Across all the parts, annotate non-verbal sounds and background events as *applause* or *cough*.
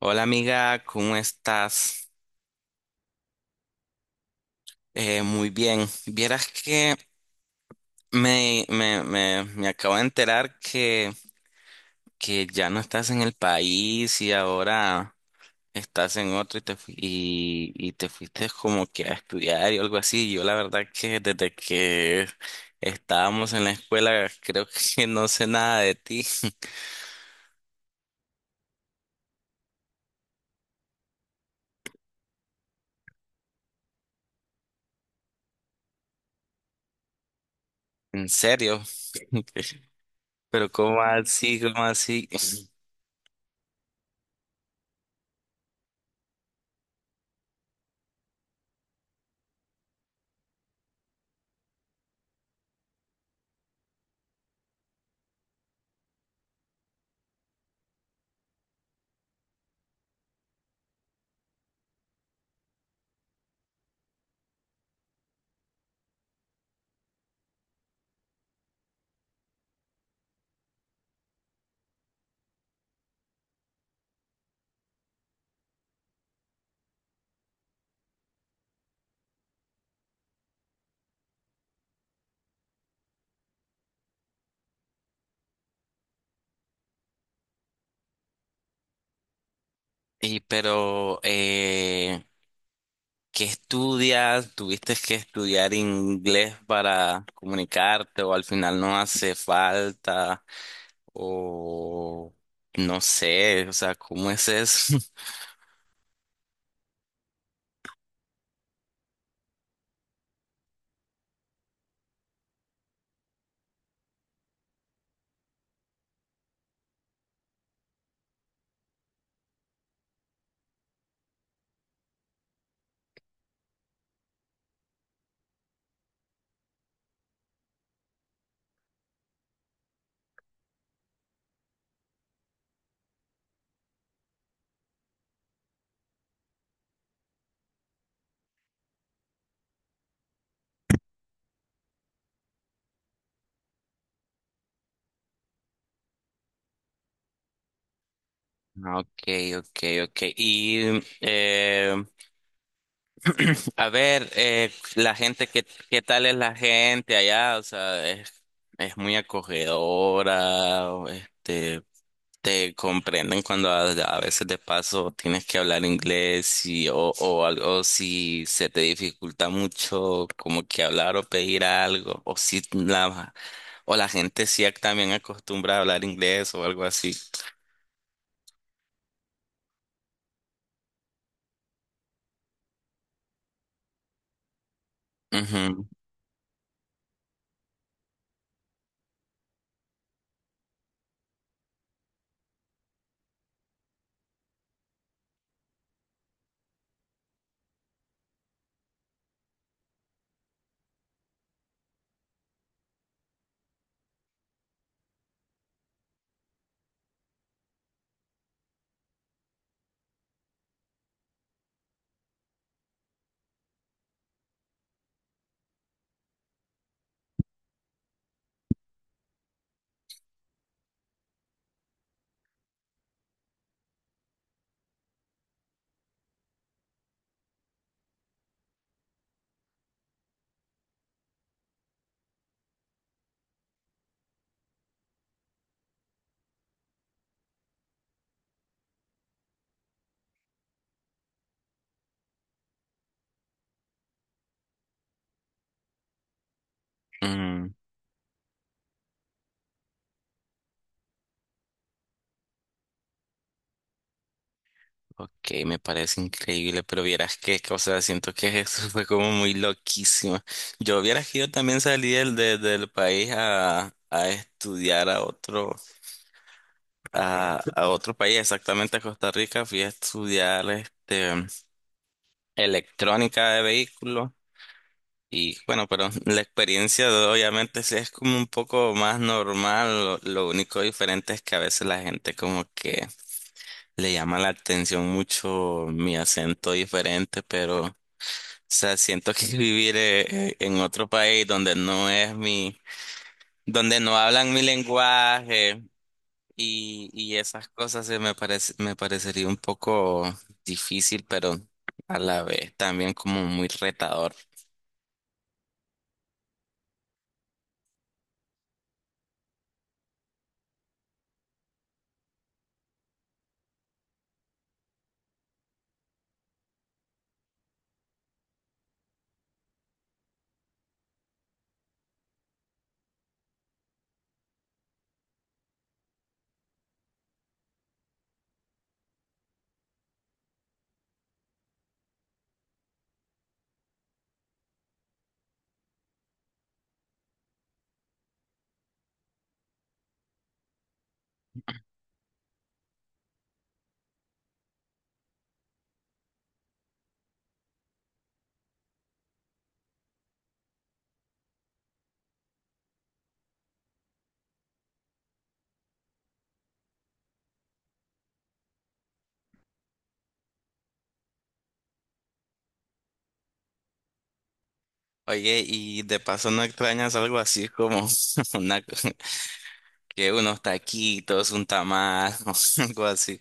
Hola amiga, ¿cómo estás? Muy bien. Vieras que me acabo de enterar que ya no estás en el país y ahora estás en otro y te fuiste como que a estudiar y algo así. Yo la verdad que desde que estábamos en la escuela creo que no sé nada de ti. *laughs* En serio. *laughs* Pero ¿cómo así? ¿Cómo así? Y pero... ¿qué estudias? ¿Tuviste que estudiar inglés para comunicarte o al final no hace falta? O no sé, o sea, ¿cómo es eso? *laughs* Ok, ok, ok. Y *clears throat* a ver, la gente, qué tal es la gente allá? O sea, es muy acogedora, o, este. Te comprenden cuando a veces de paso tienes que hablar inglés y, o algo si se te dificulta mucho como que hablar o pedir algo o si la o la gente sí ac- también acostumbra a hablar inglés o algo así. Ujú, ujú. Ok, me parece increíble, pero vieras que, o sea, siento que eso *laughs* fue como muy loquísimo. Yo vieras que yo también salí del país a estudiar a otro. A a, otro país, exactamente a Costa Rica, fui a estudiar este electrónica de vehículos y bueno, pero la experiencia de- obviamente sí es como un poco más normal, lo único diferente es que a veces la gente como que le llama la atención mucho mi acento diferente, pero o sea, siento que *laughs* vivir en otro país donde no es mi, donde no hablan mi lenguaje. Y esas cosas se me parece, me parecería un poco difícil, pero a la vez también como muy retador. Oye, y de paso no extrañas algo así como *laughs* una, que unos taquitos, un tamal, *laughs* o algo así.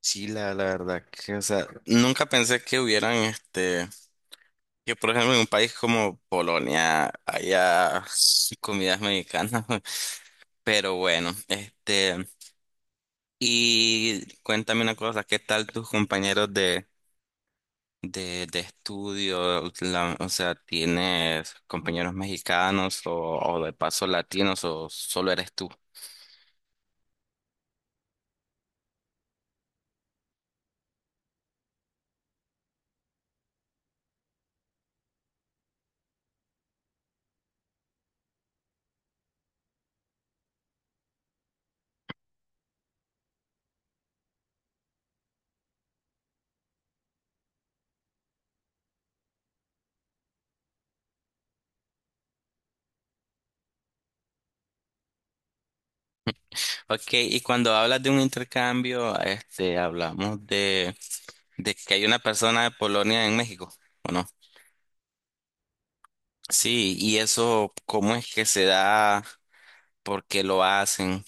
Sí, la verdad que, o sea, nunca pensé que hubieran este, que por ejemplo en un país como Polonia haya comidas mexicanas, *laughs* pero bueno, este. Y cuéntame una cosa, ¿qué tal tus compañeros de, de estudio? La- o sea, ¿tienes compañeros mexicanos o de paso latinos o solo eres tú? Ok, y cuando hablas de un intercambio, este, hablamos de que hay una persona de Polonia en México, ¿o no? Sí, y eso, ¿cómo es que se da? ¿Por qué lo hacen?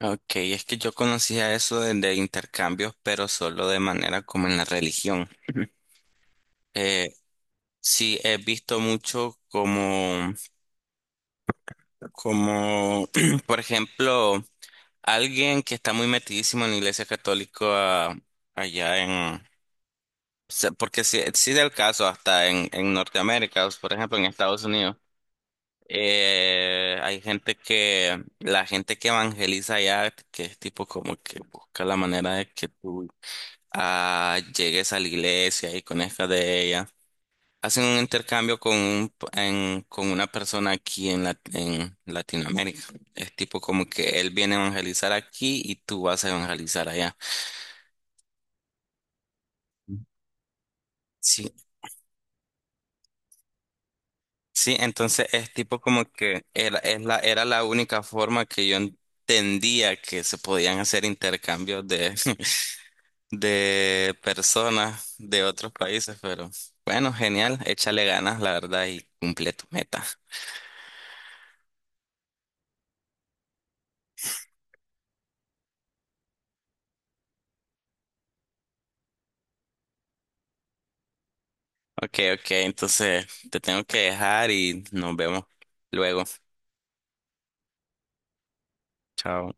Ok, es que yo conocía eso de intercambios, pero solo de manera como en la religión. Sí, he visto mucho como, como, *clears throat* por ejemplo, alguien que está muy metidísimo en la Iglesia Católica allá en, se- porque sí, sí del caso hasta en Norteamérica, por ejemplo, en Estados Unidos, hay gente que, la gente que evangeliza allá, que es tipo como que busca la manera de que tú ah, llegues a la iglesia y conozcas de ella. Hacen un intercambio con, un p- en- con una persona aquí en, la- en Latinoamérica. Es tipo como que él viene a evangelizar aquí y tú vas a evangelizar allá. Sí, sí, entonces es tipo como que era, es la, era la única forma que yo entendía que se podían hacer intercambios de, *laughs* de personas de otros países, pero bueno, genial, échale ganas, la verdad, y cumple tu meta. Ok, ok, entonces te tengo que dejar y nos vemos luego. Chao.